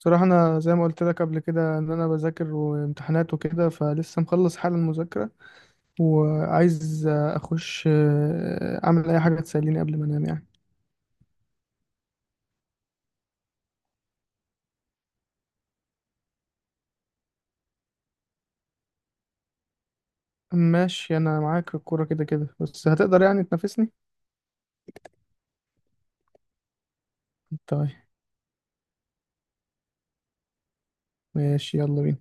بصراحة أنا زي ما قلت لك قبل كده إن أنا بذاكر وامتحانات وكده فلسه مخلص حالا مذاكرة وعايز أخش أعمل أي حاجة تسليني قبل ما أنام يعني. ماشي، أنا معاك في الكورة كده كده، بس هتقدر يعني تنافسني؟ طيب، ماشي يلا بينا.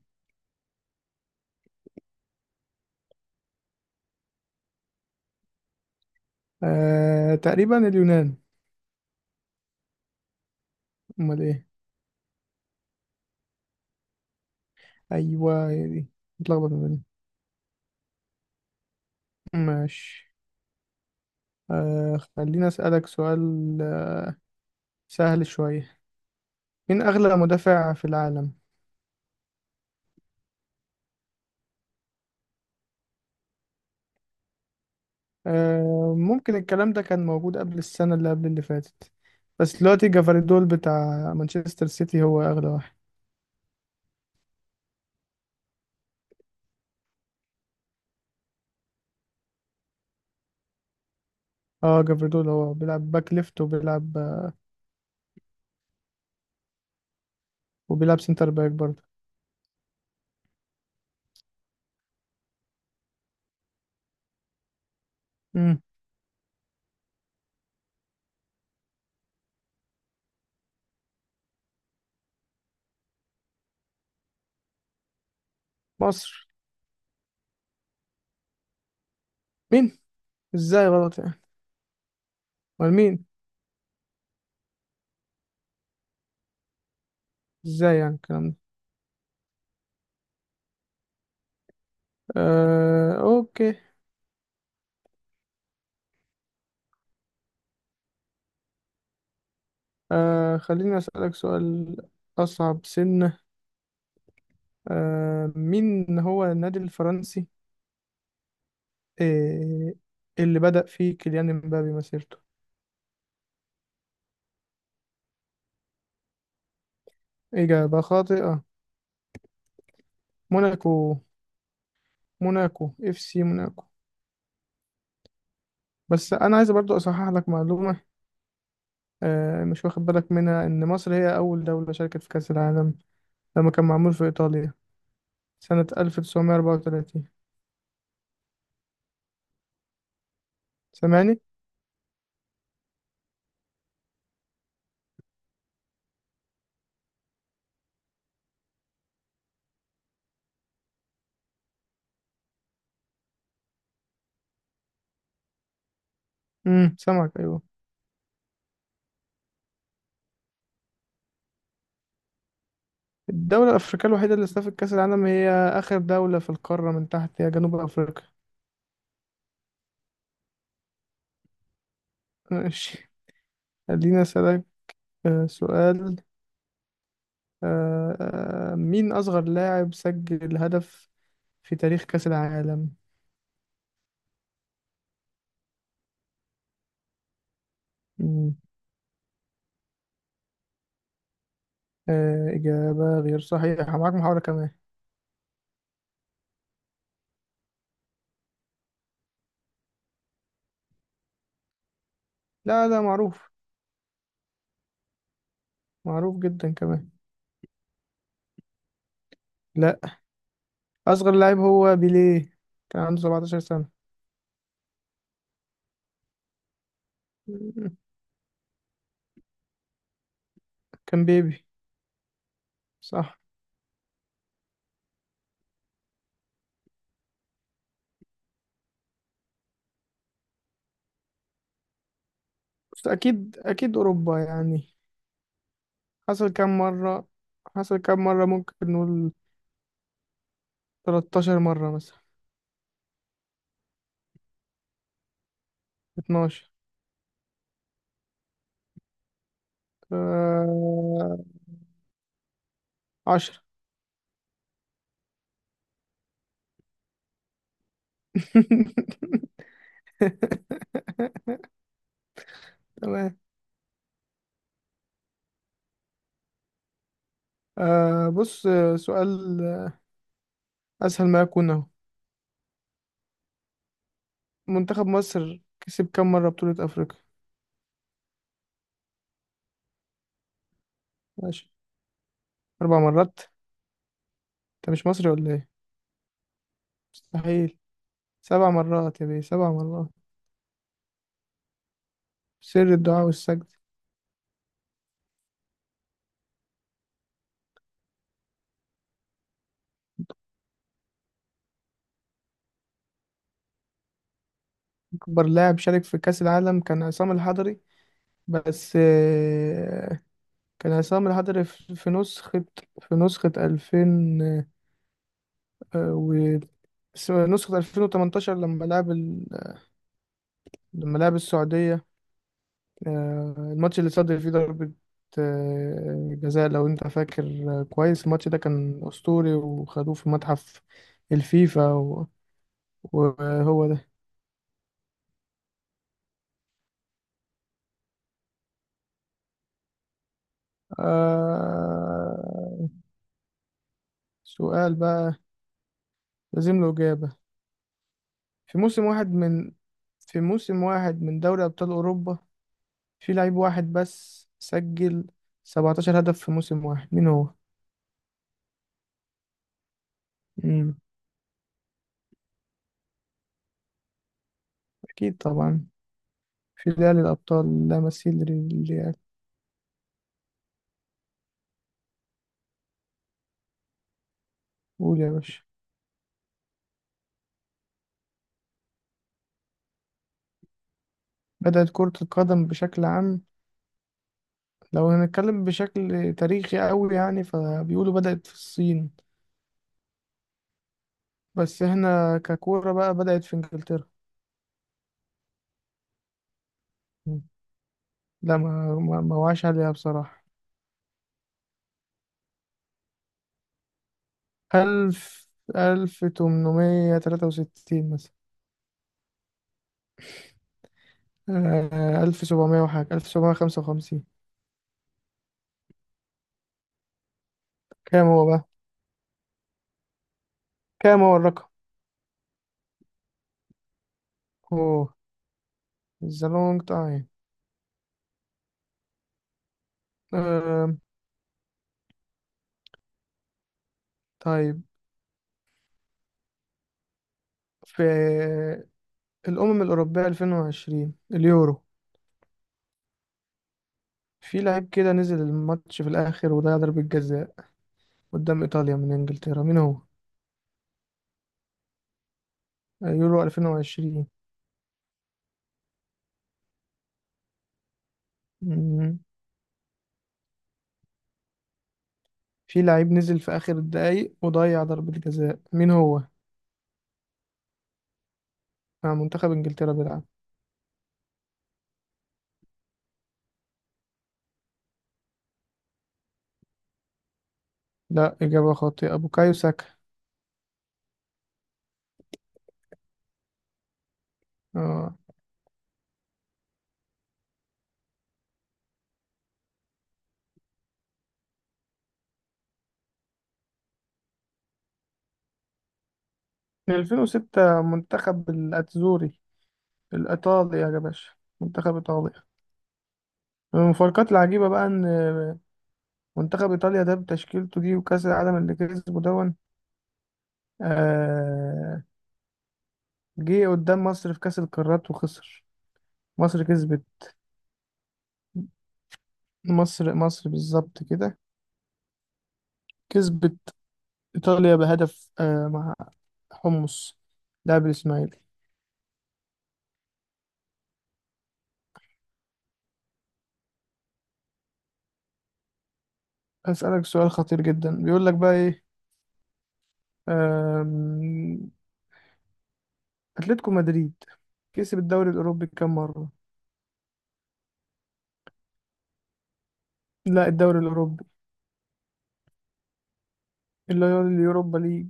تقريبا اليونان. أمال إيه؟ أيوة هي دي، متلخبط ما بينهم. ماشي، خليني أسألك سؤال سهل شوية. مين أغلى مدافع في العالم؟ ممكن الكلام ده كان موجود قبل السنة اللي قبل اللي فاتت، بس دلوقتي جافاردول بتاع مانشستر سيتي هو أغلى واحد. اه جافاردول هو بيلعب باك ليفت وبيلعب سنتر باك برضه. مم. مصر. مين، ازاي غلط يعني؟ امال مين؟ ازاي يعني الكلام ده؟ آه، اوكي. خليني أسألك سؤال. أصعب سنة. مين هو النادي الفرنسي آه اللي بدأ فيه كيليان مبابي مسيرته؟ إجابة خاطئة. موناكو، موناكو اف سي موناكو. بس انا عايز برضو اصحح لك معلومه، مش واخد بالك منها ان مصر هي اول دوله شاركت في كاس العالم لما كان معمول في ايطاليا سنه 1934. سامعني؟ امم، سامعك ايوه. الدوله الافريقيه الوحيده اللي استضافت كاس العالم هي اخر دوله في القاره من تحت، هي جنوب افريقيا. ماشي. خليني اسالك سؤال. مين اصغر لاعب سجل هدف في تاريخ كاس العالم؟ مم. إجابة غير صحيحة، معاك محاولة كمان. لا لا، معروف، معروف جدا كمان. لا. أصغر لاعب هو بيليه، كان عنده 17 سنة. كان بيبي، صح. بس أكيد أكيد أوروبا يعني. حصل كام مرة؟ حصل كام مرة ممكن نقول 13 مرة مثلا. 12. آه... 10. تمام. بص، سؤال أسهل ما يكون أهو. منتخب مصر كسب كام مرة بطولة أفريقيا؟ ماشي، أربع مرات. أنت مش مصري ولا إيه؟ مستحيل. سبع مرات يا بيه، سبع مرات. سر الدعاء والسجد. أكبر لاعب شارك في كأس العالم كان عصام الحضري. بس كان عصام الحضري في نسخة 2000، و نسخة 2018، لما لعب السعودية. الماتش اللي صدر فيه ضربة جزاء، لو انت فاكر. كويس، الماتش ده كان أسطوري وخدوه في متحف الفيفا وهو ده. آه، سؤال بقى لازم له إجابة. في موسم واحد من في موسم واحد من دوري أبطال أوروبا في لعيب واحد بس سجل 17 هدف في موسم واحد، مين هو؟ مم. أكيد طبعا، في دوري الأبطال لا مثيل للريال. قول يا باشا. بدأت كرة القدم بشكل عام، لو هنتكلم بشكل تاريخي أوي يعني فبيقولوا بدأت في الصين، بس إحنا ككورة بقى بدأت في إنجلترا. مم. لا، ما وعاش عليها بصراحة. ألف 1863 مثلا، 1755. كام هو بقى؟ كام هو الرقم؟ أوه، it's a long time. آه، طيب، في الأمم الأوروبية 2020، اليورو، في لعيب كده نزل الماتش في الآخر وضيع ضربة جزاء قدام إيطاليا من إنجلترا، مين هو؟ يورو 2020. مم. في لعيب نزل في آخر الدقايق وضيع ضربة جزاء، مين هو؟ مع منتخب إنجلترا بيلعب. لا، إجابة خاطئة، بوكايو ساكا. آه. من 2006 منتخب الأتزوري، الإيطالي يا باشا، منتخب إيطاليا. من المفارقات العجيبة بقى إن منتخب إيطاليا ده بتشكيلته دي وكأس العالم اللي كسبه دون، آه جه قدام مصر في كأس القارات وخسر. مصر كسبت، مصر بالظبط كده، كسبت إيطاليا بهدف، مع حمص، لاعب الإسماعيلي. أسألك سؤال خطير جدا، بيقول لك بقى إيه، اتلتيكو مدريد كسب الدوري الاوروبي كام مره؟ لا، الدوري الاوروبي اللي هو اليوروبا ليج.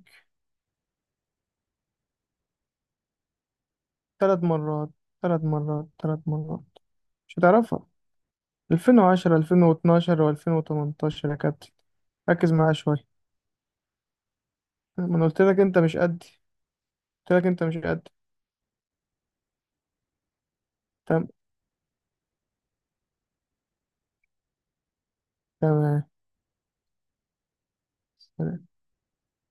ثلاث مرات، ثلاث مرات، ثلاث مرات. مش هتعرفها. 2010، 2012 و2018 يا كابتن، ركز معايا شويه. ما انا قلت لك انت مش قدي، قلت لك انت مش قدي. تم- تمام.